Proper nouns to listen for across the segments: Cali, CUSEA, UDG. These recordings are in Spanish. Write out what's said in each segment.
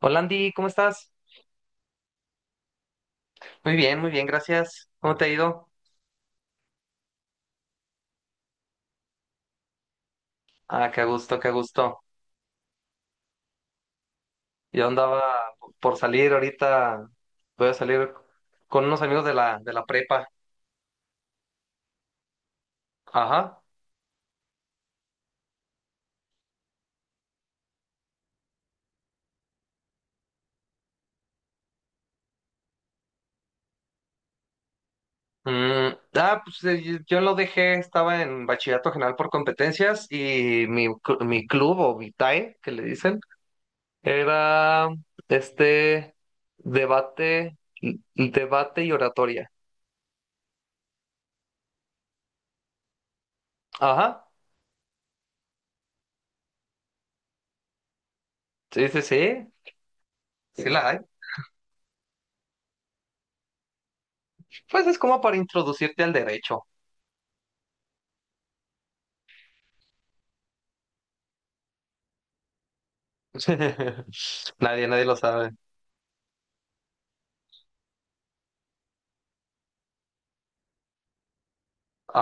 Hola Andy, ¿cómo estás? Muy bien, gracias. ¿Cómo te ha ido? Ah, qué gusto, qué gusto. Yo andaba por salir ahorita, voy a salir con unos amigos de la prepa. Ajá. Yo lo dejé, estaba en bachillerato general por competencias y mi club o mi TAE, que le dicen, era este debate, debate y oratoria. Ajá. Sí, sí, sí. Sí la hay. Pues es como para introducirte al derecho. Nadie, nadie lo sabe.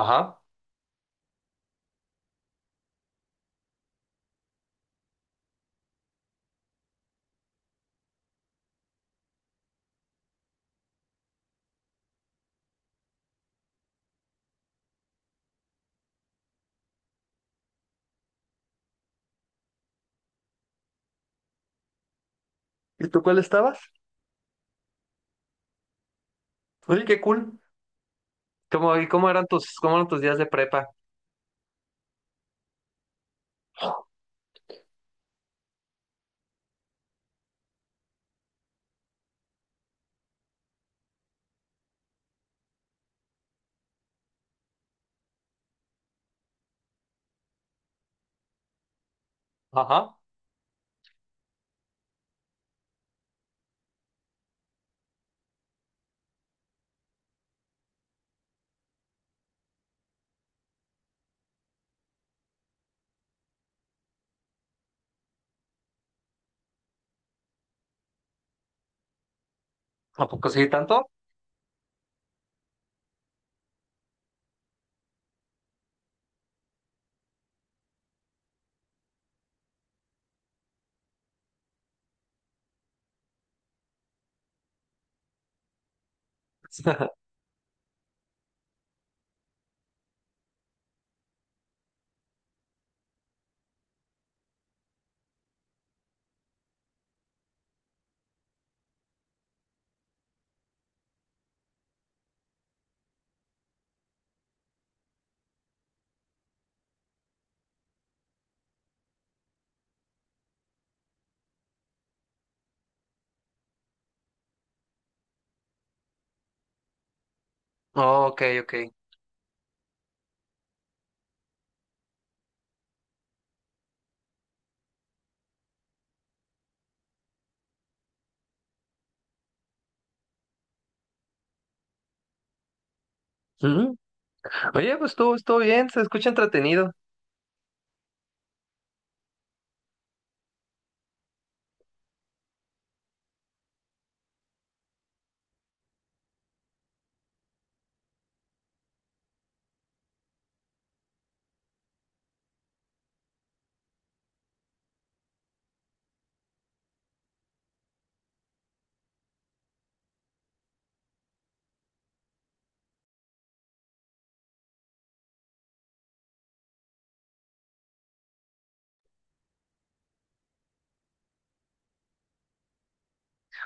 Ajá. ¿Y tú cuál estabas? Oye, qué cool. ¿Cómo, y cómo eran tus días de prepa? Ajá. ¿A poco sí tanto? Oh, ok, ok. Ujú. Oye, pues estuvo, estuvo bien, se escucha entretenido.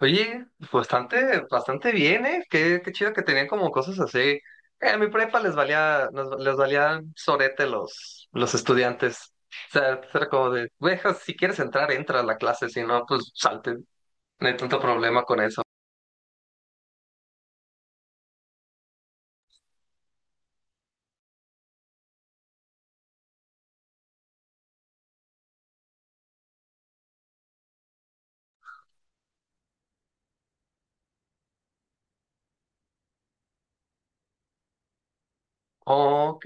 Oye, pues, bastante, bastante bien, ¿eh? Qué, qué chido que tenían como cosas así. En mi prepa les valía, les valían sorete los estudiantes. O sea, pues, era como de, güey, ja, si quieres entrar, entra a la clase, si no, pues salte. No hay tanto problema con eso. Ok.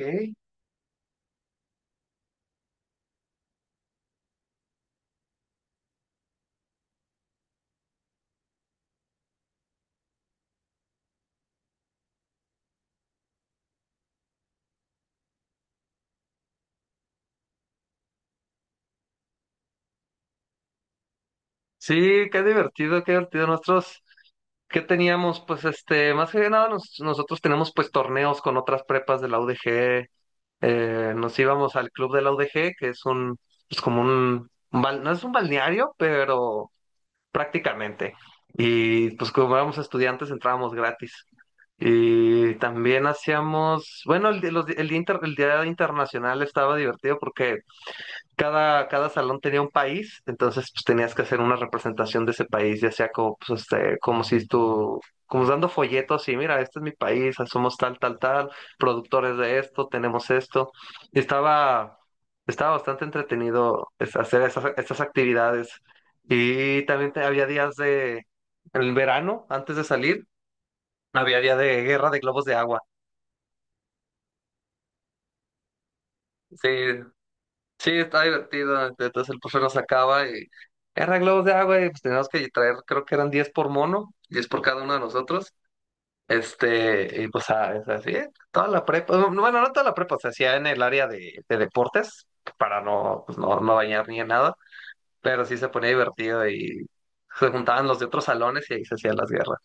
Sí, qué divertido, qué divertido. Nosotros, ¿qué teníamos? Pues este, más que nada, nosotros tenemos pues torneos con otras prepas de la UDG. Eh, nos íbamos al club de la UDG, que es un, pues como un no es un balneario, pero prácticamente. Y pues como éramos estudiantes, entrábamos gratis. Y también hacíamos, bueno, el, di- los di- el día, el día internacional estaba divertido porque cada, cada salón tenía un país, entonces pues tenías que hacer una representación de ese país, ya sea como, pues, este, como si tú, como dando folletos y mira, este es mi país, ah, somos tal, tal, tal, productores de esto, tenemos esto. Y estaba, estaba bastante entretenido hacer esas, estas actividades. Y también había días de, en el verano, antes de salir, había día de guerra de globos de agua. Sí, sí, está divertido. Este, entonces el profe nos sacaba y eran globos de agua y pues teníamos que traer, creo que eran 10 por mono, 10 por cada uno de nosotros. Este, y pues ah, es así, ¿eh? Toda la prepa, no, no, bueno, no toda la prepa, se hacía en el área de deportes para no, pues no, no bañar ni en nada, pero sí se ponía divertido y se juntaban los de otros salones y ahí se hacían las guerras.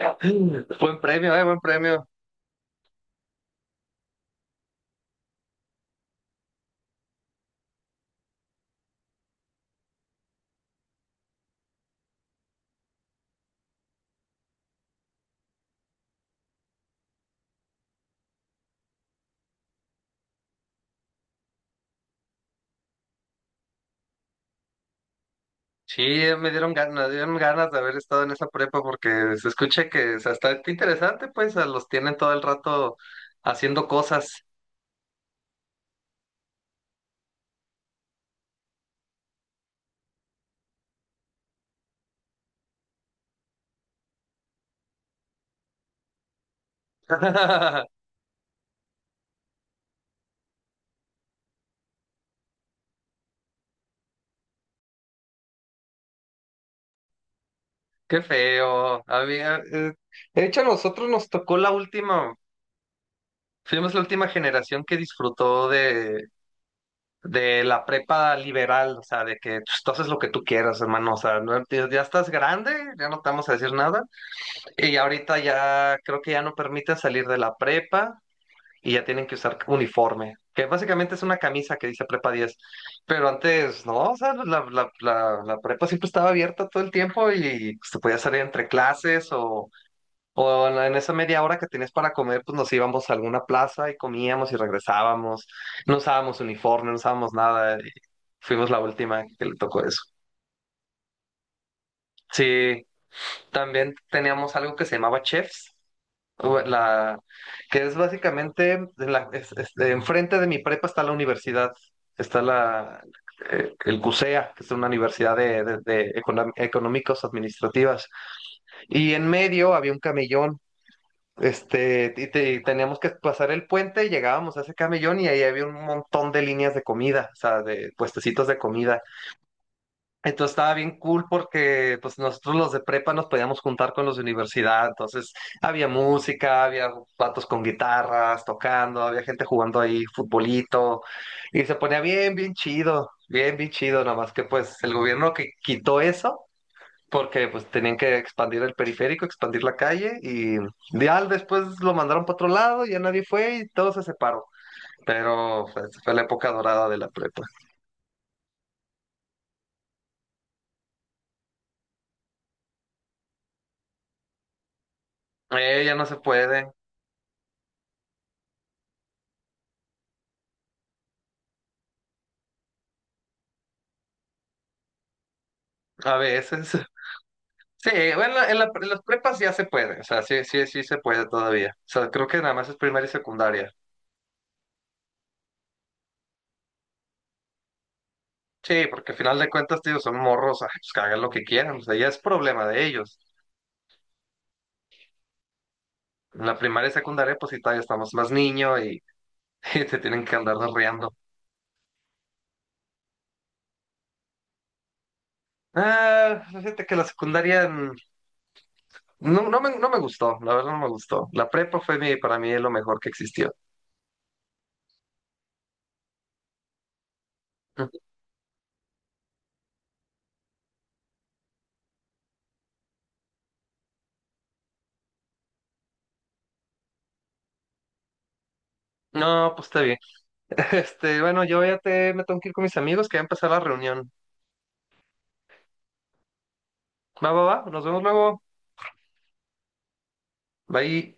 Buen premio, buen premio. Sí, me dieron ganas de haber estado en esa prepa porque se escucha que o sea, está interesante, pues a los tienen todo el rato haciendo cosas. Qué feo. A mí, de hecho, a nosotros nos tocó la última, fuimos la última generación que disfrutó de la prepa liberal, o sea, de que pues, tú haces lo que tú quieras, hermano, o sea, ya ya estás grande, ya no te vamos a decir nada. Y ahorita ya creo que ya no permiten salir de la prepa. Y ya tienen que usar uniforme, que básicamente es una camisa que dice prepa 10, pero antes no, o sea, la prepa siempre estaba abierta todo el tiempo y se podía salir entre clases o en en esa media hora que tenías para comer, pues nos íbamos a alguna plaza y comíamos y regresábamos, no usábamos uniforme, no usábamos nada, y fuimos la última que le tocó eso. Sí, también teníamos algo que se llamaba chefs. u- la, que es básicamente de de enfrente de mi prepa está la universidad, está la, el CUSEA, que es una universidad de, de económicos administrativas, y en medio había un camellón. Este, y, y teníamos que pasar el puente y llegábamos a ese camellón y ahí había un montón de líneas de comida, o sea, de puestecitos de comida. Entonces estaba bien cool porque pues nosotros los de prepa nos podíamos juntar con los de universidad, entonces había música, había patos con guitarras tocando, había gente jugando ahí futbolito y se ponía bien, bien chido, nada más que pues el gobierno que quitó eso porque pues tenían que expandir el periférico, expandir la calle y ya después lo mandaron para otro lado, ya nadie fue y todo se separó, pero pues, fue la época dorada de la prepa. Ya no se puede a veces. Sí, bueno, en, en las prepas ya se puede, o sea, sí, sí, sí se puede todavía. O sea, creo que nada más es primaria y secundaria. Sí, porque al final de cuentas, tío, son morros, ay, pues que hagan lo que quieran, o sea, ya es problema de ellos. En la primaria y secundaria, pues sí, todavía estamos más niños y, y te tienen que andar riendo. Ah, fíjate que la secundaria no, no me, no me gustó, la verdad no me gustó. La prepa fue mi, para mí lo mejor que existió. Mm, no, pues está bien. Este, bueno, yo ya te, me tengo que ir con mis amigos que va a empezar la reunión. Va, va, va, nos vemos luego. Bye.